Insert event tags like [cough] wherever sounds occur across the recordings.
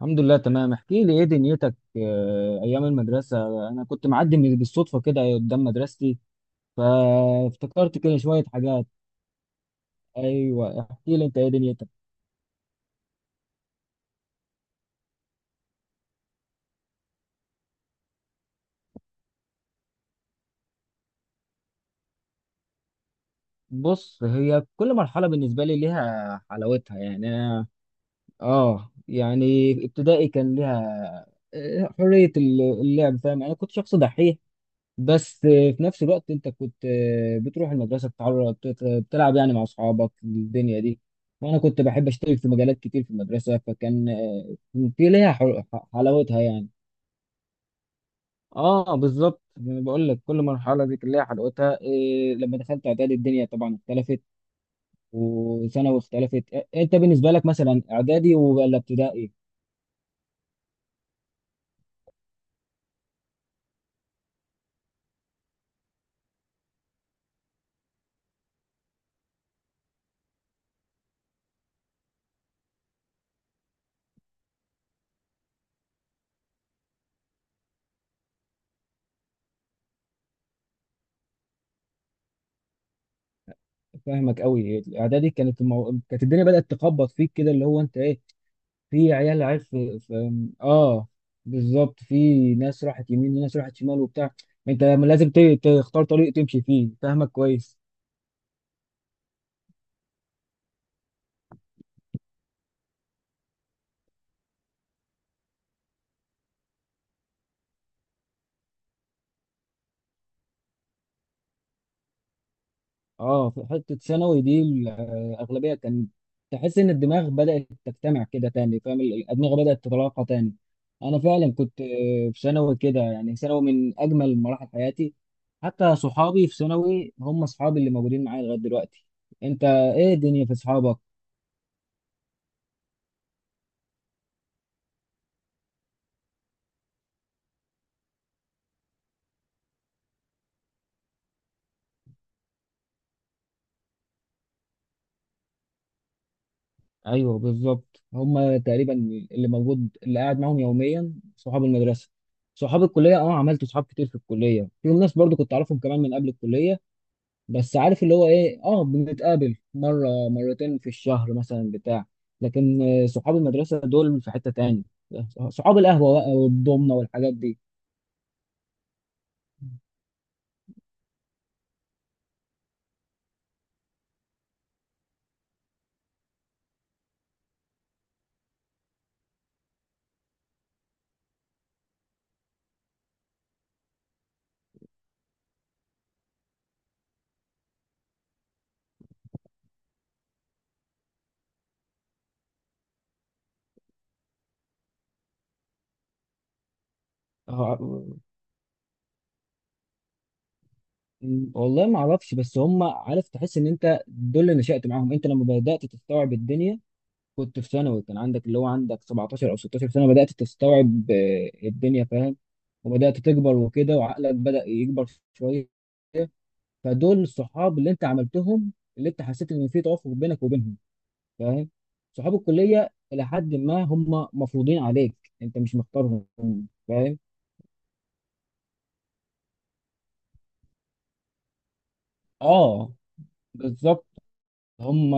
الحمد لله تمام. احكي لي ايه دنيتك؟ ايام المدرسه انا كنت معدي من بالصدفه كده قدام مدرستي، فافتكرت كده شويه حاجات. ايوه احكي لي انت ايه دنيتك. بص، هي كل مرحله بالنسبه لي ليها حلاوتها يعني. أنا- اه يعني ابتدائي كان ليها حريه اللعب، فاهم؟ يعني انا كنت شخص دحيح، بس في نفس الوقت انت كنت بتروح المدرسه، بتلعب يعني مع اصحابك الدنيا دي. وانا كنت بحب اشترك في مجالات كتير في المدرسه، فكان في ليها حل- حلاوتها يعني. اه بالظبط، يعني بقول لك كل مرحله دي كان ليها حلاوتها. إيه لما دخلت اعدادي الدنيا طبعا اختلفت، وثانوي اختلفت. انت بالنسبه لك مثلا اعدادي ولا ابتدائي؟ فاهمك قوي. اعدادي كانت كانت الدنيا بدات تخبط فيك كده، اللي هو انت ايه، في عيال عيال في, في اه بالظبط، في ناس راحت يمين وناس راحت شمال وبتاع. انت لازم تختار طريق تمشي فيه، فاهمك كويس. اه، في حته ثانوي دي الاغلبيه كان تحس ان الدماغ بدات تجتمع كده تاني، فاهم؟ الادمغه بدات تتلاقى تاني. انا فعلا كنت، في ثانوي كده، يعني ثانوي من اجمل مراحل حياتي. حتى صحابي في ثانوي هم اصحابي اللي موجودين معايا لغايه دلوقتي. انت ايه الدنيا في اصحابك؟ ايوه بالظبط، هم تقريبا اللي موجود، اللي قاعد معاهم يوميا صحاب المدرسه. صحاب الكليه اه عملت صحاب كتير في الكليه، في ناس برضو كنت اعرفهم كمان من قبل الكليه، بس عارف اللي هو ايه، اه بنتقابل مره مرتين في الشهر مثلا بتاع لكن صحاب المدرسه دول في حته تاني. صحاب القهوه بقى والضمنه والحاجات دي. آه، والله ما اعرفش، بس هم، عارف تحس ان انت دول اللي نشأت معاهم. انت لما بدأت تستوعب الدنيا كنت في ثانوي، كان عندك اللي هو عندك 17 او 16 سنه، بدات تستوعب الدنيا، فاهم؟ وبدات تكبر وكده، وعقلك بدا يكبر شويه. فدول الصحاب اللي انت عملتهم، اللي انت حسيت ان في توافق بينك وبينهم، فاهم؟ صحاب الكليه الى حد ما هم مفروضين عليك، انت مش مختارهم، فاهم؟ اه بالظبط. هم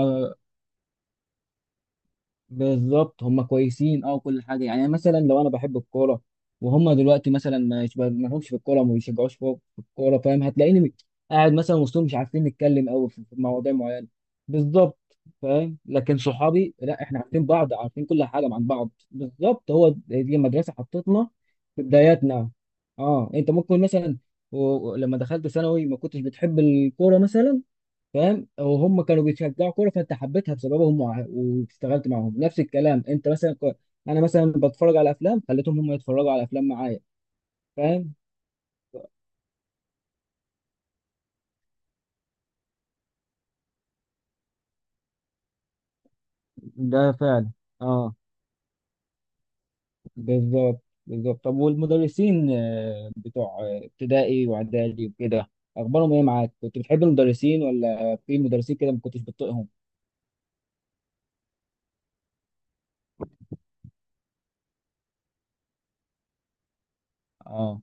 هم كويسين اه كل حاجه، يعني مثلا لو انا بحب الكوره وهم دلوقتي مثلا ما لهمش في الكوره وما بيشجعوش فوق في الكوره، فاهم؟ هتلاقيني قاعد مثلا وسطهم مش عارفين نتكلم قوي في مواضيع معينه. بالظبط، فاهم؟ لكن صحابي لا، احنا عارفين بعض، عارفين كل حاجه عن بعض. بالظبط، هو دي المدرسه حطتنا في بداياتنا. اه، انت ممكن مثلا لما دخلت ثانوي ما كنتش بتحب الكوره مثلا، فاهم؟ وهم كانوا بيشجعوا كوره فانت حبيتها بسببهم، واشتغلت معاهم. نفس الكلام انت مثلا انا مثلا بتفرج على افلام، خليتهم هم يتفرجوا على افلام معايا، فاهم؟ ده فعلا. اه بالظبط بالظبط. طب والمدرسين، بتوع ابتدائي واعدادي وكده، اخبارهم ايه معاك؟ كنت بتحب المدرسين، ولا في مدرسين كده ما كنتش بتطيقهم؟ اه.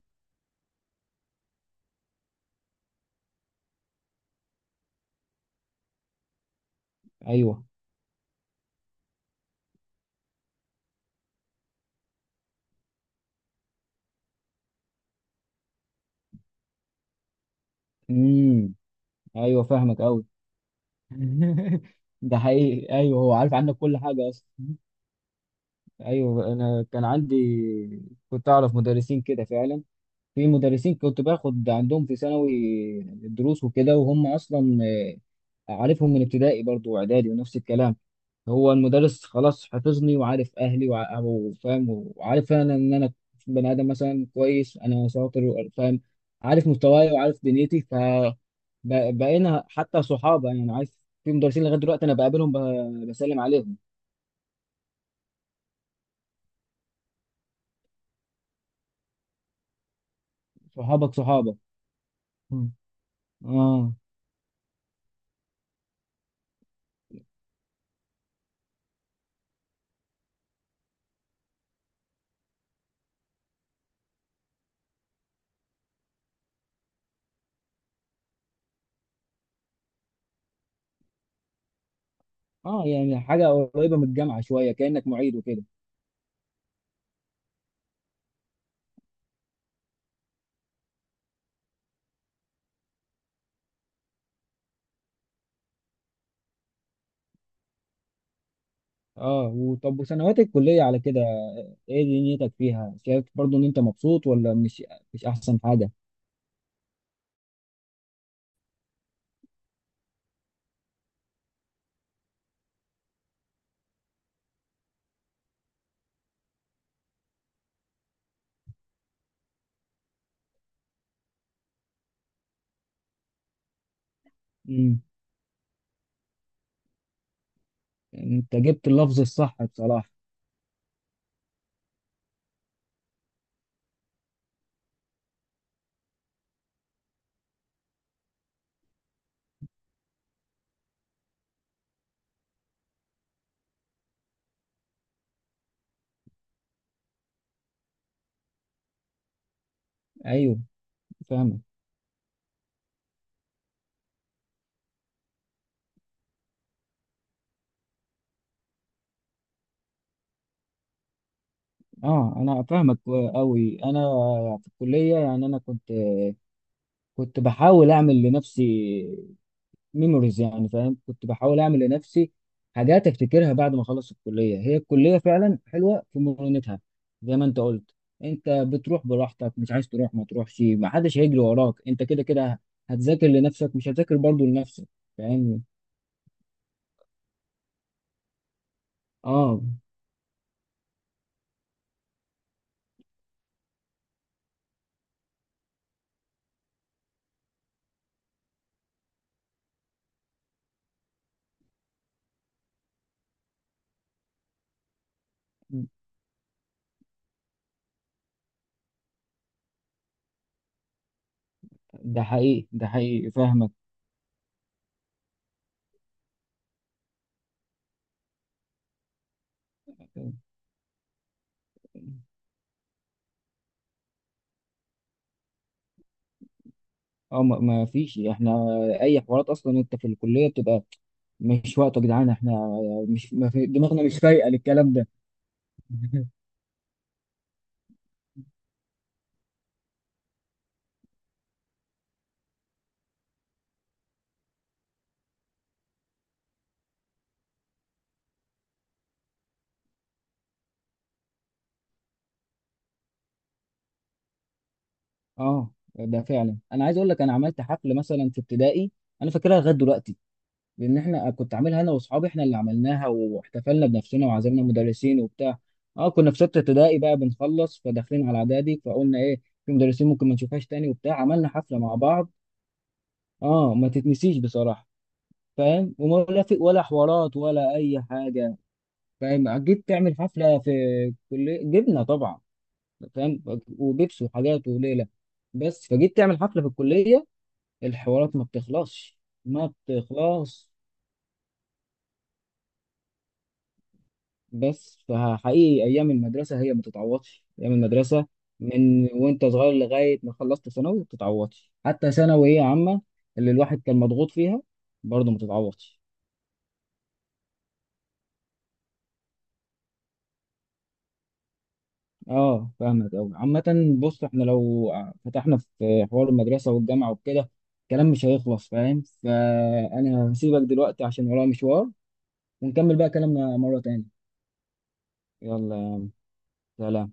ايوه. امم. ايوه فاهمك قوي. [laughs] ده حقيقي، ايوه هو عارف عنك كل حاجه اصلا. ايوه انا كان عندي، كنت اعرف مدرسين كده فعلا. في مدرسين كنت باخد عندهم في ثانوي دروس وكده، وهم اصلا عارفهم من ابتدائي برضو واعدادي، ونفس الكلام. هو المدرس خلاص حفظني وعارف اهلي وفاهم، وعارف انا ان انا بني ادم مثلا كويس، انا شاطر وفاهم، عارف مستواي وعارف دنيتي. فبقينا حتى صحابه، يعني عارف. في مدرسين لغايه دلوقتي انا بقابلهم، بسلم عليهم. صحابك. مم. اه. اه يعني حاجه قريبه من الجامعه شويه، كانك معيد وكده. اه، وطب وسنوات الكليه على كده، ايه دنيتك فيها؟ شايف برضو ان انت مبسوط ولا مش؟ مش احسن حاجه. امم. انت جبت اللفظ الصح بصراحه. ايوه فاهمك. اه انا فاهمك قوي. انا في الكليه يعني انا كنت بحاول اعمل لنفسي ميموريز، يعني فاهم كنت بحاول اعمل لنفسي حاجات افتكرها بعد ما اخلص الكليه. هي الكليه فعلا حلوه في مرونتها، زي ما انت قلت. انت بتروح براحتك، مش عايز تروح ما تروحش، ما حدش هيجري وراك، انت كده كده هتذاكر لنفسك، مش هتذاكر برضه لنفسك، فاهم؟ اه ده حقيقي، ده حقيقي فاهمك. اه ما فيش احنا اي حوارات اصلا، انت في الكليه بتبقى مش وقته يا جدعان، احنا مش، ما في دماغنا مش فايقه للكلام ده. اه ده فعلا. انا عايز اقول لك انا عملت حفل مثلا في ابتدائي، انا فاكرها لغايه دلوقتي، لان احنا كنت عاملها انا واصحابي، احنا اللي عملناها واحتفلنا بنفسنا وعزمنا مدرسين وبتاع. اه كنا في سته ابتدائي بقى بنخلص، فداخلين على اعدادي، فقلنا ايه، في مدرسين ممكن ما نشوفهاش تاني وبتاع، عملنا حفله مع بعض. اه ما تتنسيش بصراحه، فاهم؟ وملافق ولا حوارات ولا اي حاجه، فاهم؟ جيت تعمل حفله في كليه، جبنه طبعا، فاهم، وبيبس وحاجات وليله. بس فجيت تعمل حفله في الكليه الحوارات ما بتخلصش، ما بتخلص. بس فحقيقي ايام المدرسه هي ما تتعوضش. ايام المدرسه من وانت صغير لغايه ما خلصت ثانوي ما بتتعوضش، حتى ثانويه عامه اللي الواحد كان مضغوط فيها برضه ما تتعوضش. اه فاهمك قوي. عامه بص، احنا لو فتحنا في حوار المدرسه والجامعه وكده الكلام مش هيخلص، فاهم؟ فانا هسيبك دلوقتي عشان ورايا مشوار، ونكمل بقى كلامنا مره تانية. يلا، سلام.